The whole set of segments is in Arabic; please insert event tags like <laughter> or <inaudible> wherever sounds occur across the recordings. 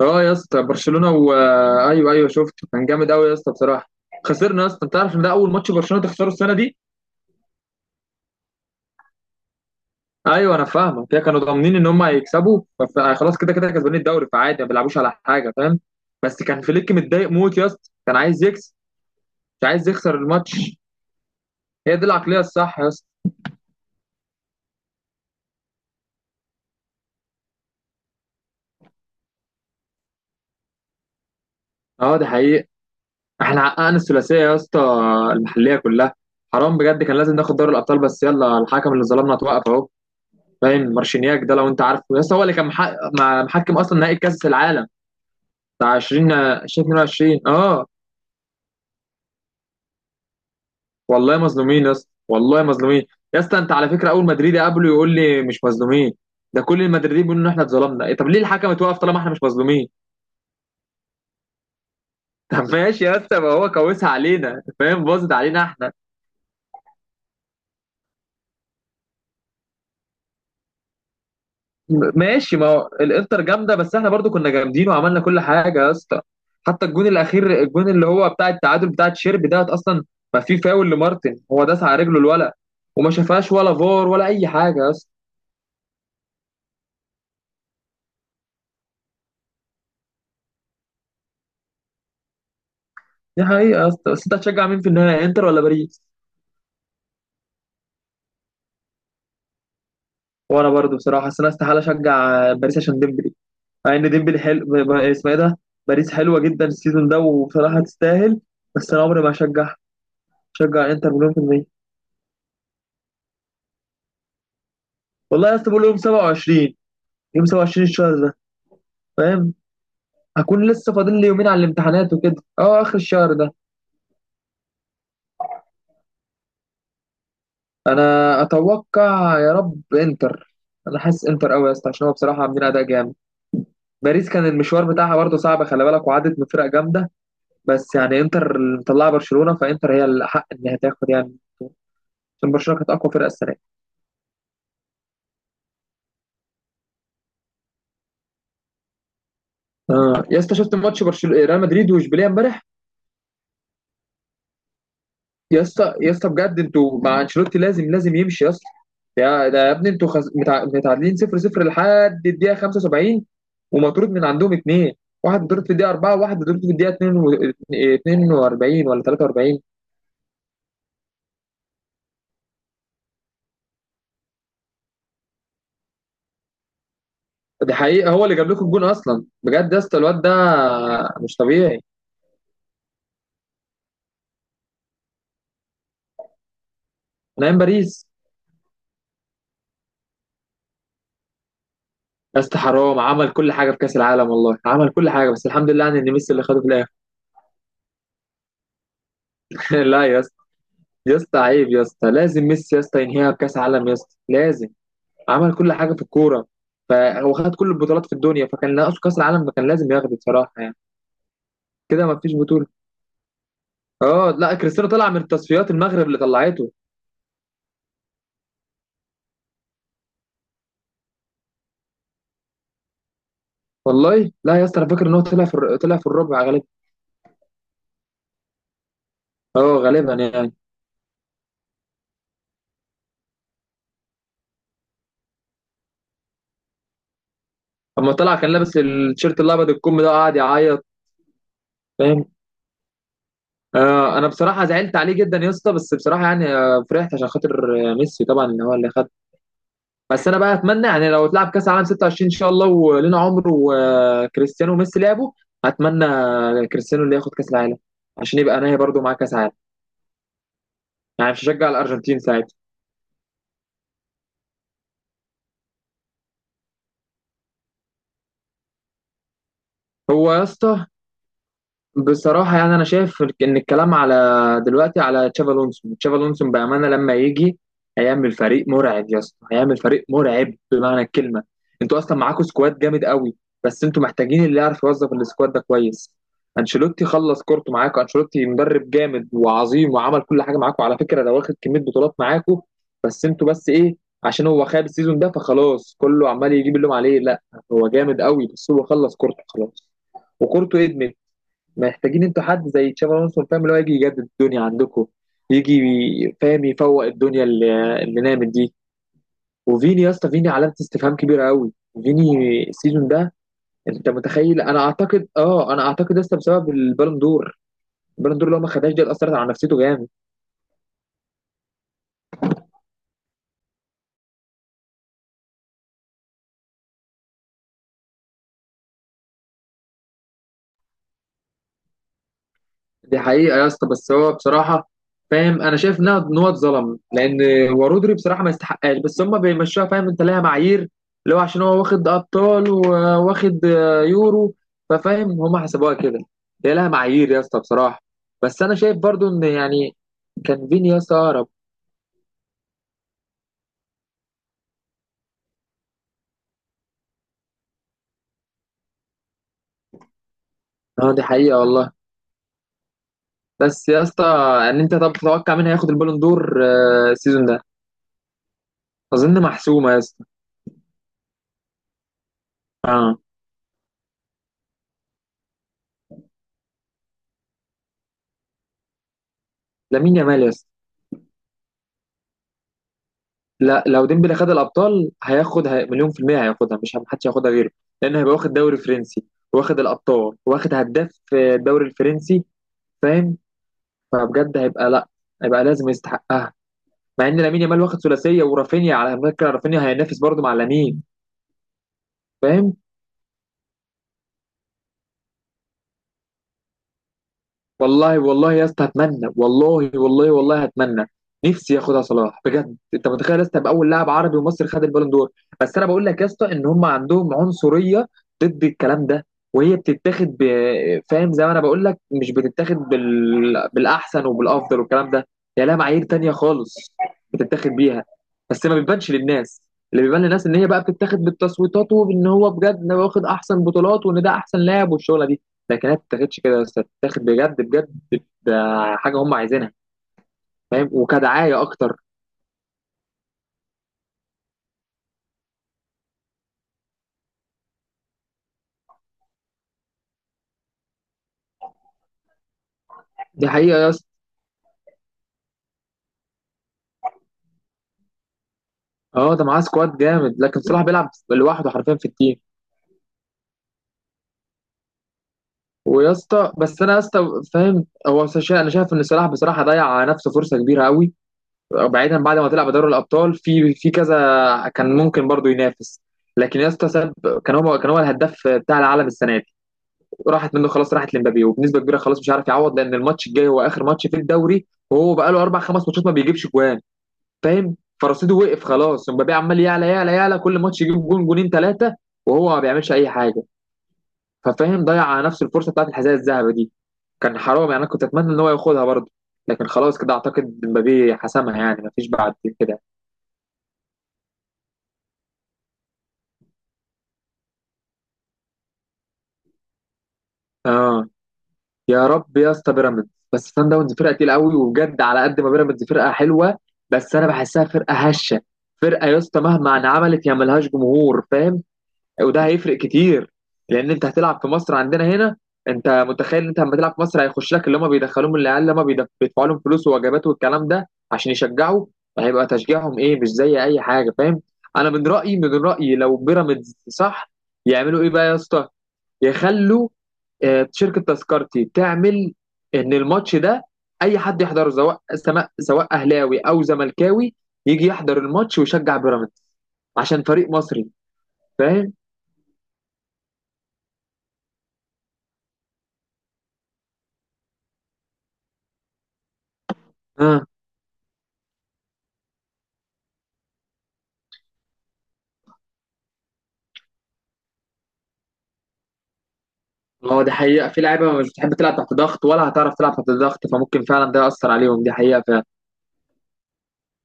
اه يا اسطى، برشلونه ايوه ايوه، شفته كان جامد قوي يا اسطى بصراحه. خسرنا يا اسطى، انت عارف ان ده اول ماتش برشلونه تخسره السنه دي. ايوه انا فاهمك، هي كانوا ضامنين ان هم هيكسبوا خلاص كده كده كسبانين الدوري، فعادي ما بيلعبوش على حاجه، فاهم. بس كان فليك متضايق موت يا اسطى، كان عايز يكسب، مش عايز يخسر الماتش. هي دي العقليه الصح يا اسطى. اه، ده حقيقي. احنا حققنا الثلاثيه يا اسطى، المحليه كلها. حرام بجد، كان لازم ناخد دوري الابطال، بس يلا، الحكم اللي ظلمنا اتوقف اهو. باين مارشينياك ده لو انت عارفه، يس هو اللي كان محكم اصلا نهائي كاس العالم بتاع 20 2022، اه. والله مظلومين يا اسطى، والله مظلومين. يا اسطى، انت على فكره، اول مدريدي قابله يقول لي مش مظلومين. ده كل المدريدين بيقولوا ان احنا اتظلمنا، إيه طب ليه الحكم اتوقف طالما احنا مش مظلومين؟ <laughs> طب ماشي يا اسطى، ما هو كوسها علينا، فاهم، باظت علينا احنا. ماشي، ما هو الانتر جامده، بس احنا برضو كنا جامدين وعملنا كل حاجه يا اسطى. حتى الجون الاخير، الجون اللي هو بتاع التعادل بتاع تشيرب، ده اصلا ما في فاول لمارتن، هو داس على رجله الولد، وما شافهاش ولا فار ولا اي حاجه يا اسطى. دي حقيقه يا اسطى، بس انت هتشجع مين في النهايه، انتر ولا باريس؟ وانا برضو بصراحه، بس انا استحاله اشجع باريس عشان ديمبلي. مع ان ديمبلي حلو، اسمه ايه ده، باريس حلوه جدا السيزون ده، وبصراحه تستاهل. بس انا عمري ما هشجع، هشجع انتر مليون في المية. والله يا اسطى، بقول يوم 27، يوم 27 الشهر ده، فاهم، اكون لسه فاضل لي يومين على الامتحانات وكده، اه، اخر الشهر ده. انا اتوقع يا رب انتر. انا حاسس انتر قوي يا اسطى، عشان هو بصراحه عاملين اداء جامد. باريس كان المشوار بتاعها برضه صعب، خلي بالك، وعدت من فرق جامده. بس يعني انتر اللي مطلعه برشلونه، فانتر هي الاحق انها تاخد يعني، عشان برشلونه كانت اقوى فرقه السنه دي. اه يا اسطى، شفت ماتش برشلونه ريال مدريد واشبيليه امبارح. يا اسطى يا اسطى، بجد انتوا مع انشيلوتي لازم لازم يمشي يا اسطى. يا ده يا ابني، انتوا متعادلين 0-0 لحد الدقيقه 75، ومطرود من عندهم اثنين. واحد مطرود في الدقيقه 4، وواحد مطرود في الدقيقه 42 ولا 43. دي حقيقه، هو اللي جاب لكم الجون اصلا بجد يا اسطى، الواد ده مش طبيعي، نايم باريس. يا اسطى حرام، عمل كل حاجه في كاس العالم، والله عمل كل حاجه، بس الحمد لله يعني ان ميسي اللي خده في الاخر. <laughs> لا يا اسطى، يا اسطى عيب يا اسطى، لازم ميسي يا اسطى ينهيها بكاس عالم يا اسطى، لازم. عمل كل حاجه في الكوره، فهو خد كل البطولات في الدنيا، فكان ناقصه كاس العالم، كان لازم ياخده بصراحه يعني، كده ما فيش بطوله. اه لا، كريستيانو طلع من التصفيات، المغرب اللي طلعته. والله لا يا اسطى، انا فاكر ان هو طلع في الربع غالبا. اه غالبا يعني. اما طلع كان لابس التيشيرت الابيض الكم ده وقعد يعيط، فاهم. آه انا بصراحه زعلت عليه جدا يا اسطى، بس بصراحه يعني فرحت عشان خاطر ميسي طبعا ان هو اللي خد. بس انا بقى اتمنى يعني لو اتلعب كاس العالم 26 ان شاء الله ولينا عمر، وكريستيانو وميسي لعبوا، اتمنى كريستيانو اللي ياخد كاس العالم، عشان يبقى انا برضو معاه كاس عالم، يعني مش هشجع الارجنتين ساعتها. هو يا اسطى بصراحة يعني أنا شايف إن الكلام على دلوقتي على تشافي ألونسو، تشافي ألونسو بأمانة لما يجي، هيعمل فريق مرعب يا اسطى، هيعمل فريق مرعب بمعنى الكلمة. أنتوا أصلا معاكوا سكواد جامد قوي، بس أنتوا محتاجين اللي يعرف يوظف السكواد ده كويس. أنشيلوتي خلص كورته معاكوا، أنشيلوتي مدرب جامد وعظيم، وعمل كل حاجة معاكوا على فكرة، ده واخد كمية بطولات معاكوا. بس أنتوا بس إيه، عشان هو خاب السيزون ده فخلاص كله عمال يجيب اللوم عليه، لا. هو جامد قوي، بس هو خلص كورته خلاص، وكورته إدمت. محتاجين انتوا حد زي تشابي الونسو، فاهم، اللي هو يجي يجدد الدنيا عندكم، يجي فاهم يفوق الدنيا اللي نامت دي. وفيني يا اسطى، فيني علامه استفهام كبيره قوي. فيني السيزون ده، انت متخيل، انا اعتقد يا اسطى بسبب البالون دور. البالون دور لو ما خدهاش، دي اللي اثرت على نفسيته جامد. دي حقيقة يا اسطى، بس هو بصراحة فاهم، أنا شايف إن هو اتظلم، لأن هو رودري بصراحة ما يستحقهاش، بس هما بيمشوها، فاهم، أنت ليها معايير، اللي هو عشان هو واخد أبطال وواخد يورو. ففاهم، هما حسبوها كده، هي لها معايير يا اسطى بصراحة. بس أنا شايف برضو إن يعني كان فيني يا اسطى أقرب. أه دي حقيقة والله. بس يا اسطى، إن أنت طب تتوقع مين هياخد البالون دور السيزون ده؟ أظن محسومة يا اسطى. أه لامين يامال يا اسطى. لا، لو ديمبلي خد الابطال هياخد، مليون في المية هياخدها، مش محدش هياخدها غيره. لان هيبقى واخد دوري فرنسي، واخد الابطال، واخد هداف في الدوري الفرنسي، فاهم. فبجد هيبقى لا، هيبقى لازم يستحقها. مع ان لامين يامال واخد ثلاثية ورافينيا، على فكرة رافينيا هينافس برضه مع لامين، فاهم. والله والله يا اسطى هتمنى، والله والله والله هتمنى، نفسي ياخدها صلاح بجد. انت متخيل يا اسطى، يبقى اول لاعب عربي ومصري خد البالون دور. بس انا بقول لك يا اسطى، ان هم عندهم عنصريه ضد الكلام ده. وهي بتتاخد. فاهم، زي ما انا بقول لك، مش بتتاخد بالاحسن وبالافضل والكلام ده. هي لها معايير تانية خالص بتتاخد بيها، بس ما بتبانش للناس. اللي بيبان للناس ان هي بقى بتتاخد بالتصويتات، وان هو بجد إن هو واخد احسن بطولات وان ده احسن لاعب والشغله دي. لكن هي ما بتتاخدش كده، بس بتتاخد بجد بجد، ده حاجه هم عايزينها، فاهم، وكدعايه اكتر. دي حقيقه يا اسطى. اه، ده معاه سكواد جامد، لكن صلاح بيلعب لوحده حرفيا في التيم. ويا اسطى، بس انا يا اسطى فاهم، انا شايف ان صلاح بصراحه ضيع على نفسه فرصه كبيره قوي. بعيدا، بعد ما طلع بدوري الابطال في كذا كان ممكن برضه ينافس، لكن يا اسطى ساب. كان هو الهداف بتاع العالم السنه دي، راحت منه خلاص، راحت لمبابي وبنسبه كبيره، خلاص مش عارف يعوض، لان الماتش الجاي هو اخر ماتش في الدوري، وهو بقى له اربع خمس ماتشات ما بيجيبش جوان، فاهم. فرصيده وقف خلاص، مبابي عمال يعلى يعلى يعلى، كل ماتش يجيب جون جونين ثلاثه، وهو ما بيعملش اي حاجه. ففاهم، ضيع على نفسه الفرصه بتاعت الحذاء الذهبي دي، كان حرام يعني، انا كنت اتمنى ان هو ياخدها برضه، لكن خلاص كده اعتقد مبابي حسمها يعني، ما فيش بعد كده. اه، يا رب يا اسطى بيراميدز. بس سان داونز فرقه تقيله قوي، وبجد على قد ما بيراميدز فرقه حلوه، بس انا بحسها فرقه هشه. فرقه يا اسطى مهما انعملت هي ملهاش جمهور، فاهم، وده هيفرق كتير. لان انت هتلعب في مصر عندنا هنا، انت متخيل ان انت لما تلعب في مصر هيخش لك اللي هم بيدخلوهم، العيال اللي هم بيدفعوا لهم فلوس ووجبات والكلام ده عشان يشجعوا، هيبقى تشجيعهم ايه مش زي اي حاجه، فاهم. انا من رايي لو بيراميدز صح، يعملوا ايه بقى يا اسطى، يخلوا شركه تذكرتي تعمل ان الماتش ده اي حد يحضره، سواء سواء اهلاوي او زملكاوي، يجي يحضر الماتش ويشجع بيراميدز عشان فريق مصري، فاهم. اه ما هو دي حقيقه، في لعيبه مش بتحب تلعب تحت ضغط ولا هتعرف تلعب تحت ضغط، فممكن فعلا ده ياثر عليهم، دي حقيقه فعلا.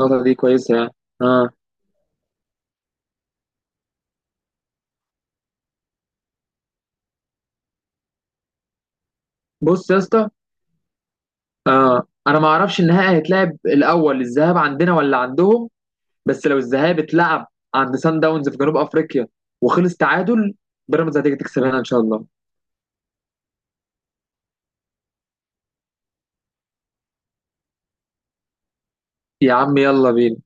النقطه دي كويسه يعني. اه، بص يا اسطى، انا ما اعرفش النهائي هيتلعب الاول الذهاب عندنا ولا عندهم. بس لو الذهاب اتلعب عند سان داونز في جنوب افريقيا وخلص تعادل، بيراميدز هتيجي تكسب هنا ان شاء الله. يا عم يلا بينا.